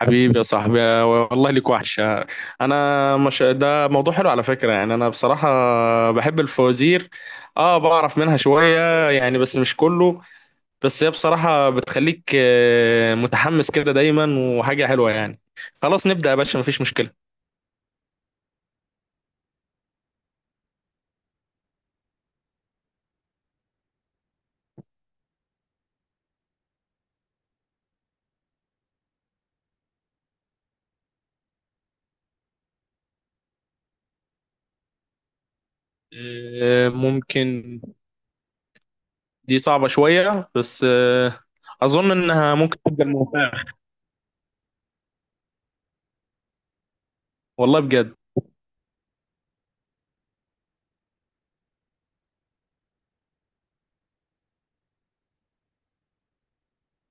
حبيبي يا صاحبي، والله ليك وحشة. أنا مش ده موضوع حلو على فكرة، يعني أنا بصراحة بحب الفوازير. أه بعرف منها شوية يعني، بس مش كله. بس هي بصراحة بتخليك متحمس كده دايما، وحاجة حلوة يعني. خلاص نبدأ يا باشا، مفيش مشكلة. ممكن. دي صعبة شوية بس أظن إنها ممكن تبقى الممتعة. والله بجد.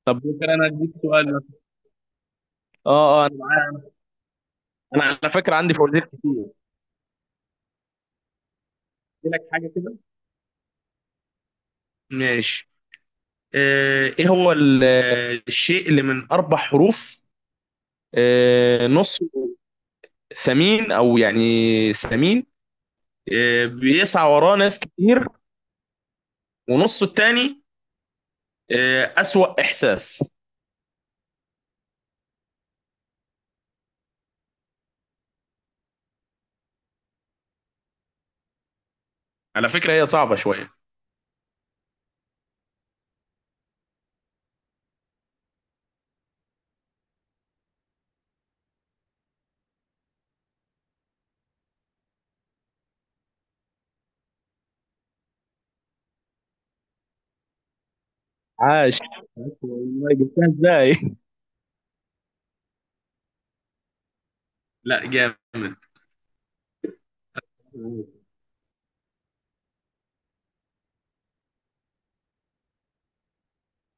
طب ممكن أنا أديك سؤال مثلا. أه أه أنا معاك. أنا على فكرة عندي فوازير كتير. أدي لك حاجة كده. ماشي. ايه هو الشيء اللي من اربع حروف؟ نص ثمين او يعني ثمين، بيسعى وراه ناس كتير. ونصه التاني اسوأ احساس. على فكرة هي صعبة شوية. عاش. والله جبتها ازاي؟ لا جامد.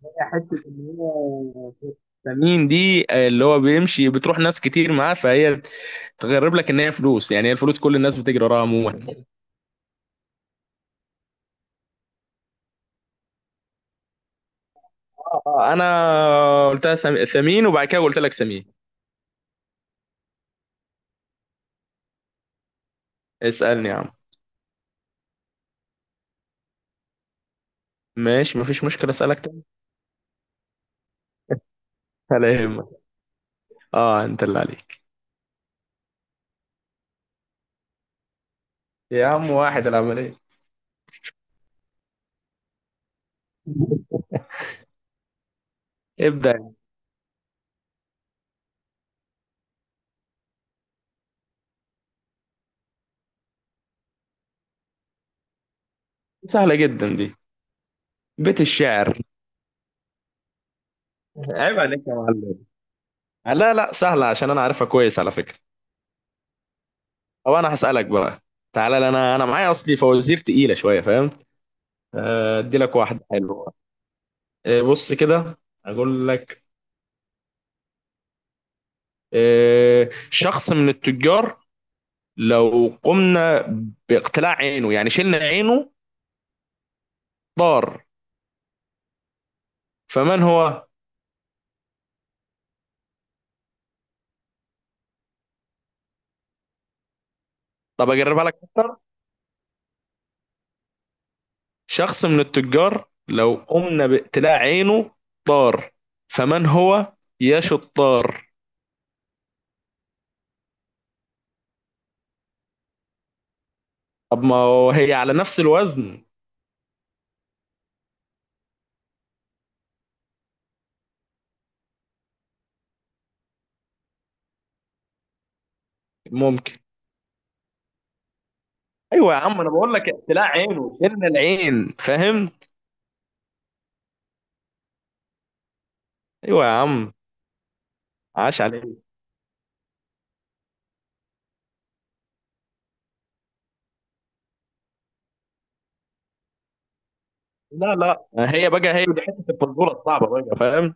هي حتة إن هي ثمين دي اللي هو بيمشي بتروح ناس كتير معاه، فهي تغرب لك ان هي فلوس، يعني هي الفلوس كل الناس بتجري وراها عموما. انا قلتها ثمين وبعد كده قلت لك سمين. اسالني يا عم. ماشي مفيش مشكله، اسالك تاني. ولا يهمك، اه انت اللي عليك. يا عم واحد العمليه. ابدا يا عم. سهله جدا دي، بيت الشعر. عيب عليك يا معلم. لا لا سهله عشان انا عارفها كويس على فكره. او انا هسالك بقى. تعالى، لا انا معايا اصلي فوازير تقيله شويه، فاهم؟ ادي لك واحده حلوه. بص كده، اقول لك. شخص من التجار لو قمنا باقتلاع عينه، يعني شلنا عينه، ضار. فمن هو؟ طب اقربها لك اكتر. شخص من التجار لو قمنا باقتلاع عينه ضار، فمن هو يا شطار؟ طب ما هو هي على نفس الوزن. ممكن. ايوه يا عم انا بقول لك اقتلاع عينه، شلنا العين، فاهم؟ ايوه يا عم. عاش عليك. لا لا. هي بقى هي دي حته الفزوره الصعبه بقى، فاهم؟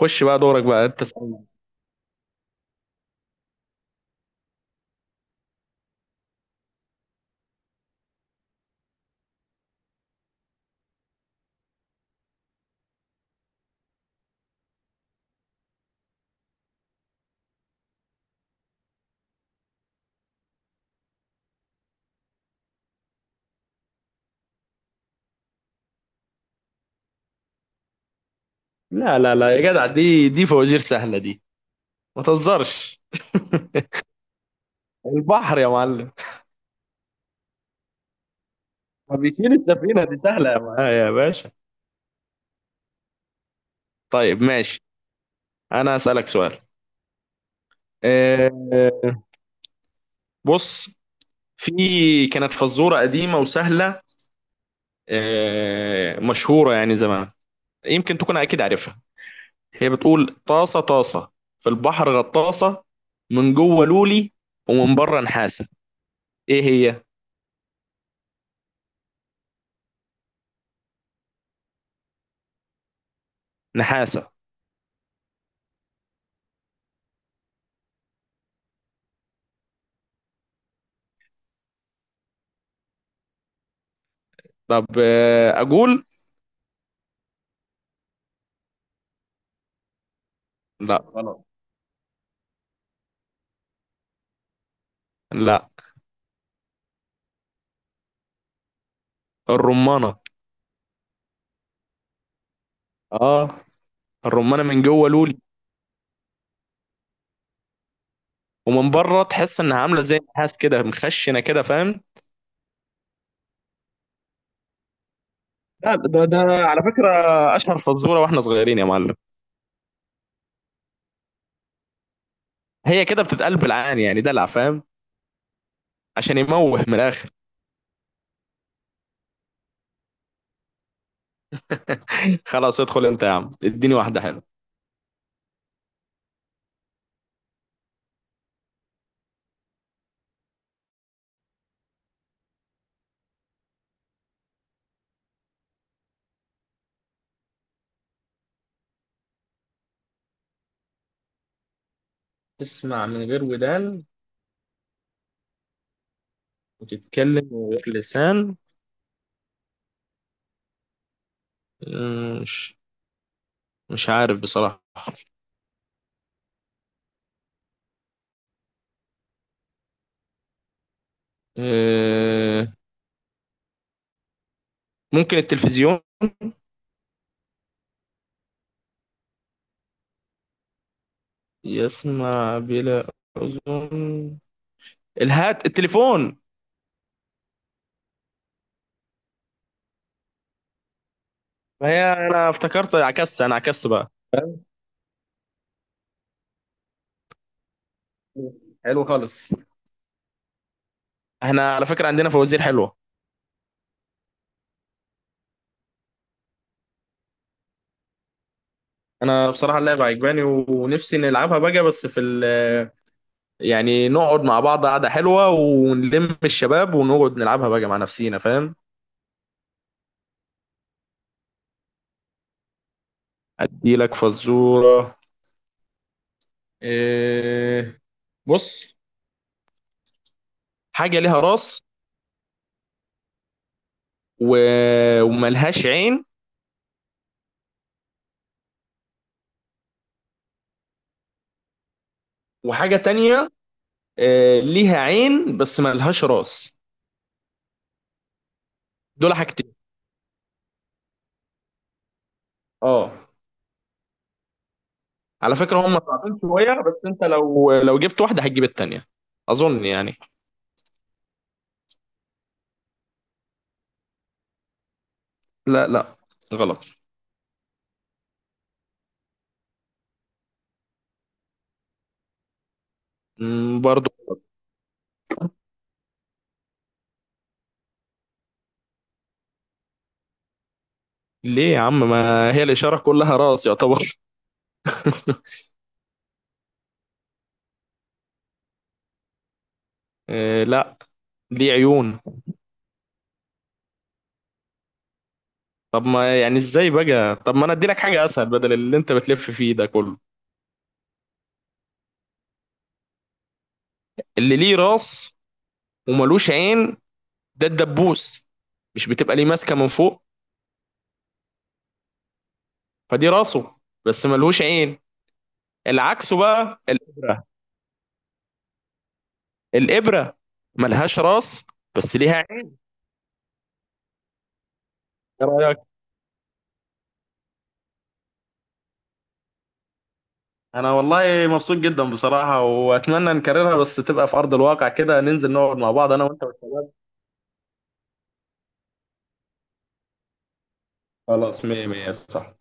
خش بقى دورك بقى، انت اسألني. لا يا جدع، دي فوازير سهله دي، ما تهزرش. البحر يا معلم. ما بيشيل السفينة، دي سهلة يا معايا يا باشا. طيب ماشي، انا هسألك سؤال. آه، بص، في كانت فزورة قديمة وسهلة، مشهورة يعني زمان، يمكن تكون أكيد عارفها. هي بتقول: طاسة طاسة في البحر غطاسة، من جوه لولي ومن بره نحاسة. إيه هي؟ نحاسة. طب أقول؟ لا غلط. لا الرمانة. آه، الرمانة من جوه لولي ومن بره تحس انها عامله زي النحاس كده، مخشنه كده، فاهم؟ لا ده ده على فكره اشهر فزوره واحنا صغيرين يا معلم. هي كده بتتقال بالعان يعني دلع، فاهم؟ عشان يموه من الاخر. خلاص ادخل انت يا عم، اديني واحده حلوه. تسمع من غير ودان وتتكلم من غير لسان؟ أمم، مش مش عارف بصراحه. أه، ممكن التلفزيون، يسمع بلا اذن. الهات، التليفون. هي انا افتكرت، عكست، انا عكست بقى. حلو خالص. احنا على فكرة عندنا فوازير حلوة. انا بصراحة اللعبة عجباني، ونفسي نلعبها بقى، بس في ال يعني نقعد مع بعض قعدة حلوة ونلم الشباب ونقعد نلعبها بقى مع نفسينا، فاهم؟ ادي لك فزورة. إيه؟ بص، حاجة ليها راس و... وملهاش عين. وحاجة تانية إيه، ليها عين بس ملهاش راس. دول حاجتين، اه. على فكرة هم صعبين شوية، بس انت لو جبت واحدة هتجيب التانية، اظن يعني. لا لا غلط. مم، برضو. ليه يا عم، ما هي الإشارة كلها راس يعتبر. إيه لا، دي عيون. طب ما يعني ازاي بقى، طب ما انا اديلك حاجة اسهل بدل اللي انت بتلف فيه ده كله. اللي ليه راس وملوش عين، ده الدبوس، مش بتبقى ليه ماسكة من فوق؟ فدي راسه بس ملوش عين. العكس بقى، الإبرة. الإبرة ملهاش راس بس ليها عين. ايه رأيك؟ انا والله مبسوط جدا بصراحة، واتمنى نكررها بس تبقى في ارض الواقع كده، ننزل نقعد مع بعض انا وانت والشباب. خلاص، مية مية، صح.